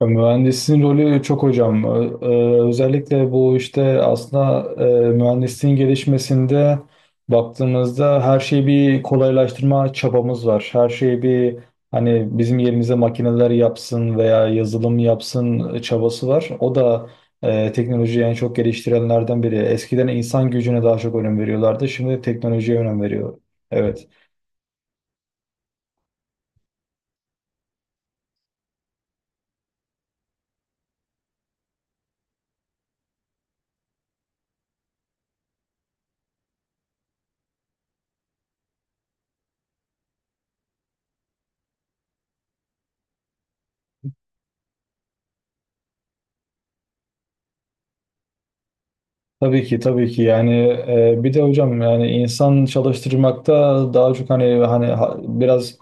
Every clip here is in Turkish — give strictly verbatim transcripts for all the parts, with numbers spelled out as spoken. Ya Mühendisin rolü çok hocam. Ö- ö, Özellikle bu işte aslında e, mühendisliğin gelişmesinde baktığımızda her şeyi bir kolaylaştırma çabamız var. Her şeyi bir hani bizim yerimize makineler yapsın veya yazılım yapsın e, çabası var. O da e, teknolojiyi en çok geliştirenlerden biri. Eskiden insan gücüne daha çok önem veriyorlardı. Şimdi teknolojiye önem veriyor. Evet. Tabii ki tabii ki yani e, bir de hocam yani insan çalıştırmakta daha çok hani hani ha- biraz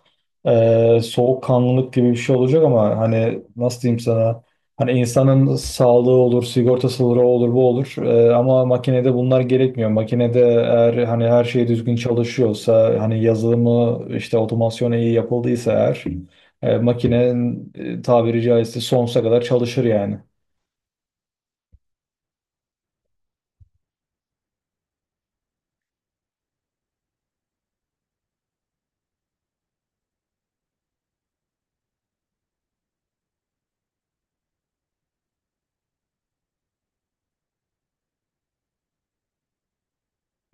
e, soğukkanlılık gibi bir şey olacak ama hani nasıl diyeyim sana hani insanın sağlığı olur sigortası olur o olur bu olur E, ama makinede bunlar gerekmiyor, makinede eğer hani her şey düzgün çalışıyorsa hani yazılımı işte otomasyonu iyi yapıldıysa eğer e, makinenin e, tabiri caizse sonsuza kadar çalışır yani.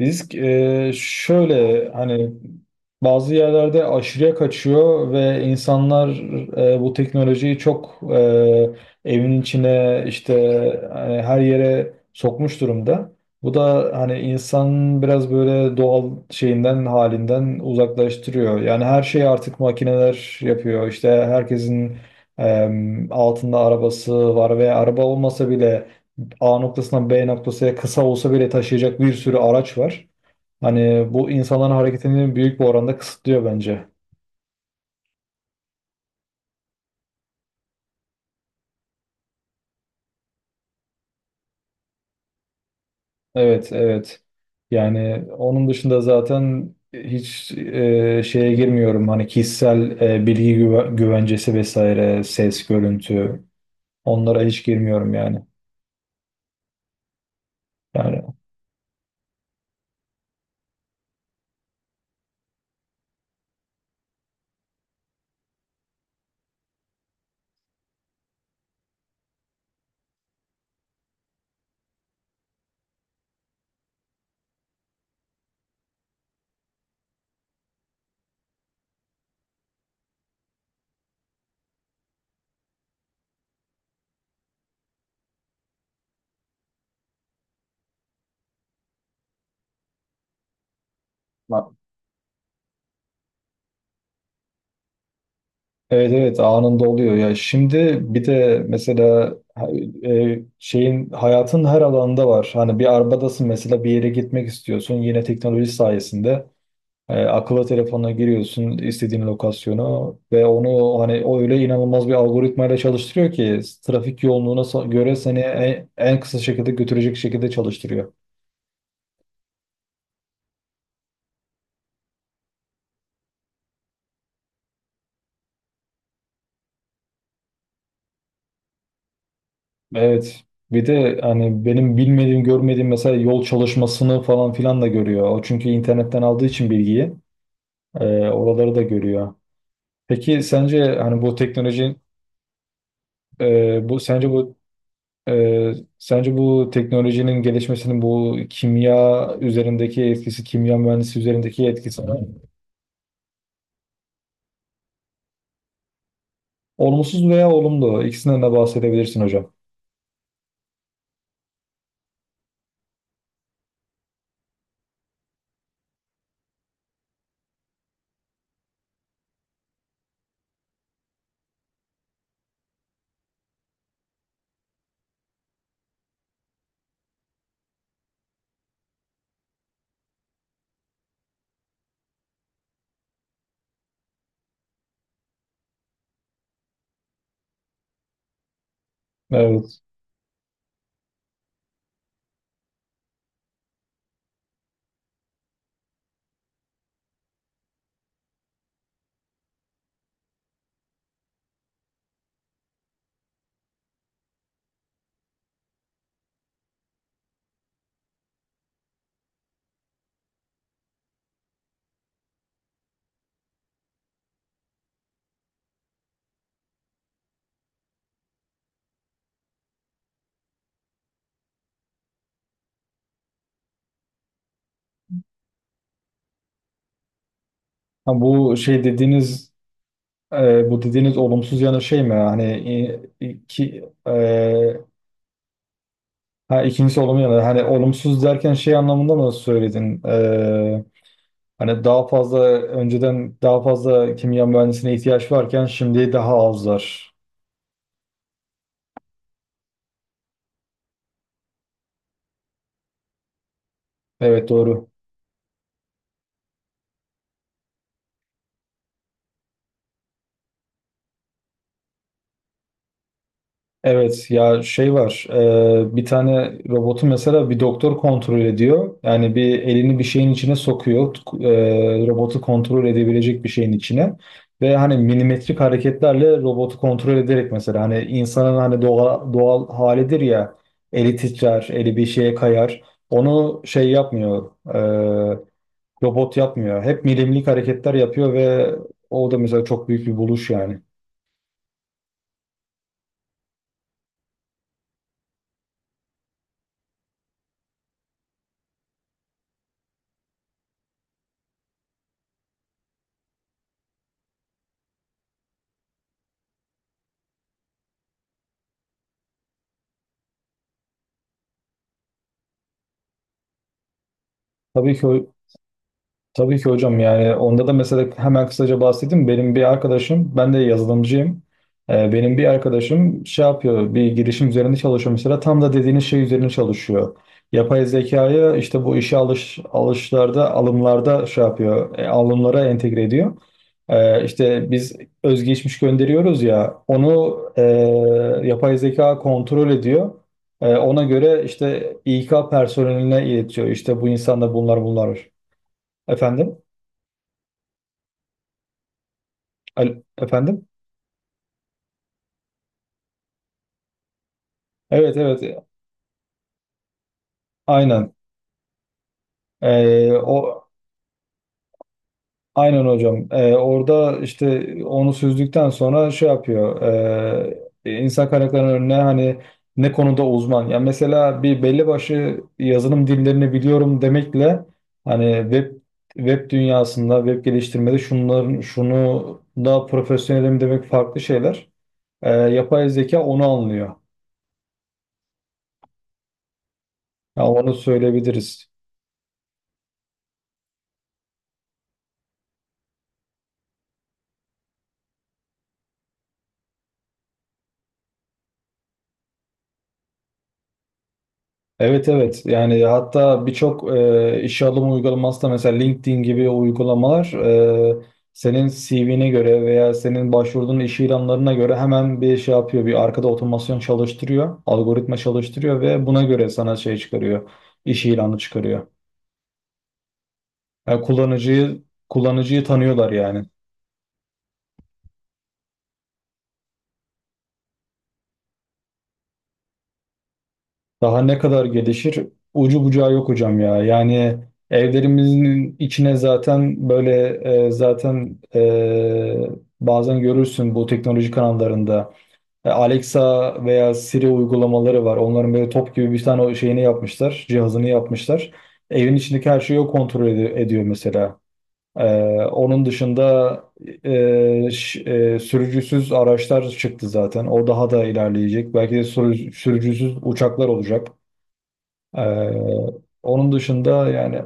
Risk e, şöyle, hani bazı yerlerde aşırıya kaçıyor ve insanlar e, bu teknolojiyi çok e, evin içine işte hani her yere sokmuş durumda. Bu da hani insan biraz böyle doğal şeyinden halinden uzaklaştırıyor. Yani her şeyi artık makineler yapıyor. İşte herkesin e, altında arabası var ve araba olmasa bile A noktasından B noktasına kısa olsa bile taşıyacak bir sürü araç var. Hani bu insanların hareketini büyük bir oranda kısıtlıyor bence. Evet, evet. Yani onun dışında zaten hiç e, şeye girmiyorum. Hani kişisel e, bilgi güve- güvencesi vesaire, ses, görüntü. Onlara hiç girmiyorum yani. Yani. Ha, evet, evet, anında oluyor ya. Şimdi bir de mesela ha- e, şeyin hayatın her alanında var. Hani bir arabadasın mesela, bir yere gitmek istiyorsun. Yine teknoloji sayesinde. E, akıllı telefonuna giriyorsun istediğin lokasyonu ve onu hani o öyle inanılmaz bir algoritmayla çalıştırıyor ki trafik yoğunluğuna so- göre seni en, en kısa şekilde götürecek şekilde çalıştırıyor. Evet, bir de hani benim bilmediğim, görmediğim mesela yol çalışmasını falan filan da görüyor. O çünkü internetten aldığı için bilgiyi e, oraları da görüyor. Peki sence hani bu teknoloji, e, bu sence bu e, sence bu teknolojinin gelişmesinin bu kimya üzerindeki etkisi, kimya mühendisi üzerindeki etkisi olumsuz veya olumlu? İkisinden de bahsedebilirsin hocam. Evet. Ha, bu şey dediğiniz, e, bu dediğiniz olumsuz yanı şey mi? Hani e, ki e, Ha, ikincisi olumlu yanı. Hani olumsuz derken şey anlamında mı söyledin? Ee, hani daha fazla, önceden daha fazla kimya mühendisine ihtiyaç varken şimdi daha az var. Evet, doğru. Evet, ya şey var, e, bir tane robotu mesela bir doktor kontrol ediyor. Yani bir elini bir şeyin içine sokuyor, e, robotu kontrol edebilecek bir şeyin içine. Ve hani milimetrik hareketlerle robotu kontrol ederek mesela hani insanın hani doğal, doğal halidir ya, eli titrer, eli bir şeye kayar. Onu şey yapmıyor, e, robot yapmıyor, hep milimlik hareketler yapıyor ve o da mesela çok büyük bir buluş yani. Tabii ki, tabii ki hocam, yani onda da mesela hemen kısaca bahsedeyim. Benim bir arkadaşım, ben de yazılımcıyım. Ee, benim bir arkadaşım şey yapıyor, bir girişim üzerinde çalışıyor mesela. Tam da dediğiniz şey üzerine çalışıyor. Yapay zekayı işte bu işe alış, alışlarda, alımlarda şey yapıyor, e, alımlara entegre ediyor. Ee, işte biz özgeçmiş gönderiyoruz ya, onu e, yapay zeka kontrol ediyor. E, ona göre işte İK personeline iletiyor: işte bu insanda bunlar bunlar. Efendim? Al- Efendim? Evet, evet, aynen. Ee, o Aynen hocam. Ee, orada işte onu süzdükten sonra şey yapıyor, ee, insan kaynaklarının önüne hani ne konuda uzman. Yani mesela bir belli başlı yazılım dillerini biliyorum demekle hani web web dünyasında, web geliştirmede şunların şunu daha profesyonelim demek farklı şeyler. Ee, yapay zeka onu anlıyor. Yani onu söyleyebiliriz. Evet, evet, yani hatta birçok e, işe alım uygulaması da, mesela LinkedIn gibi uygulamalar, e, senin C V'ne göre veya senin başvurduğun iş ilanlarına göre hemen bir şey yapıyor. Bir arkada otomasyon çalıştırıyor, algoritma çalıştırıyor ve buna göre sana şey çıkarıyor, iş ilanı çıkarıyor. Yani kullanıcıyı kullanıcıyı tanıyorlar yani. Daha ne kadar gelişir? Ucu bucağı yok hocam ya. Yani evlerimizin içine zaten böyle, e, zaten e, bazen görürsün bu teknoloji kanallarında, E, Alexa veya Siri uygulamaları var. Onların böyle top gibi bir tane o şeyini yapmışlar, cihazını yapmışlar. Evin içindeki her şeyi o kontrol ed- ediyor mesela. E, onun dışında e, ş- e, sürücüsüz araçlar çıktı zaten. O daha da ilerleyecek. Belki de sürü- sürücüsüz uçaklar olacak. Ee, Onun dışında yani,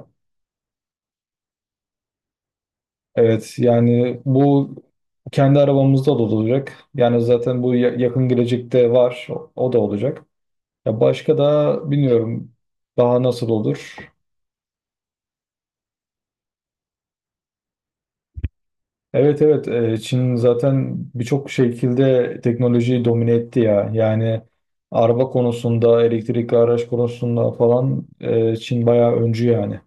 evet yani bu kendi arabamızda da olacak. Yani zaten bu ya- yakın gelecekte var. O, o da olacak. Ya başka da bilmiyorum daha nasıl olur. Evet, evet, e, Çin zaten birçok şekilde teknolojiyi domine etti ya. Yani araba konusunda, elektrikli araç konusunda falan e, Çin bayağı öncü yani.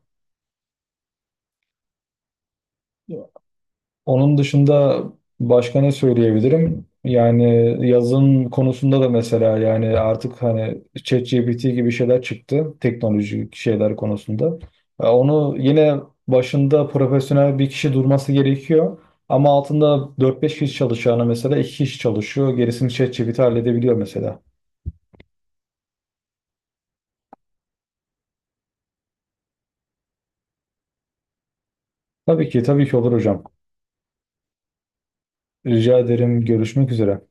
Onun dışında başka ne söyleyebilirim? Yani yazın konusunda da mesela, yani artık hani ChatGPT gibi şeyler çıktı teknolojik şeyler konusunda. E, Onu yine başında profesyonel bir kişi durması gerekiyor. Ama altında dört beş kişi çalışacağına mesela iki kişi çalışıyor. Gerisini ChatGPT halledebiliyor mesela. Tabii ki, tabii ki olur hocam. Rica ederim, görüşmek üzere.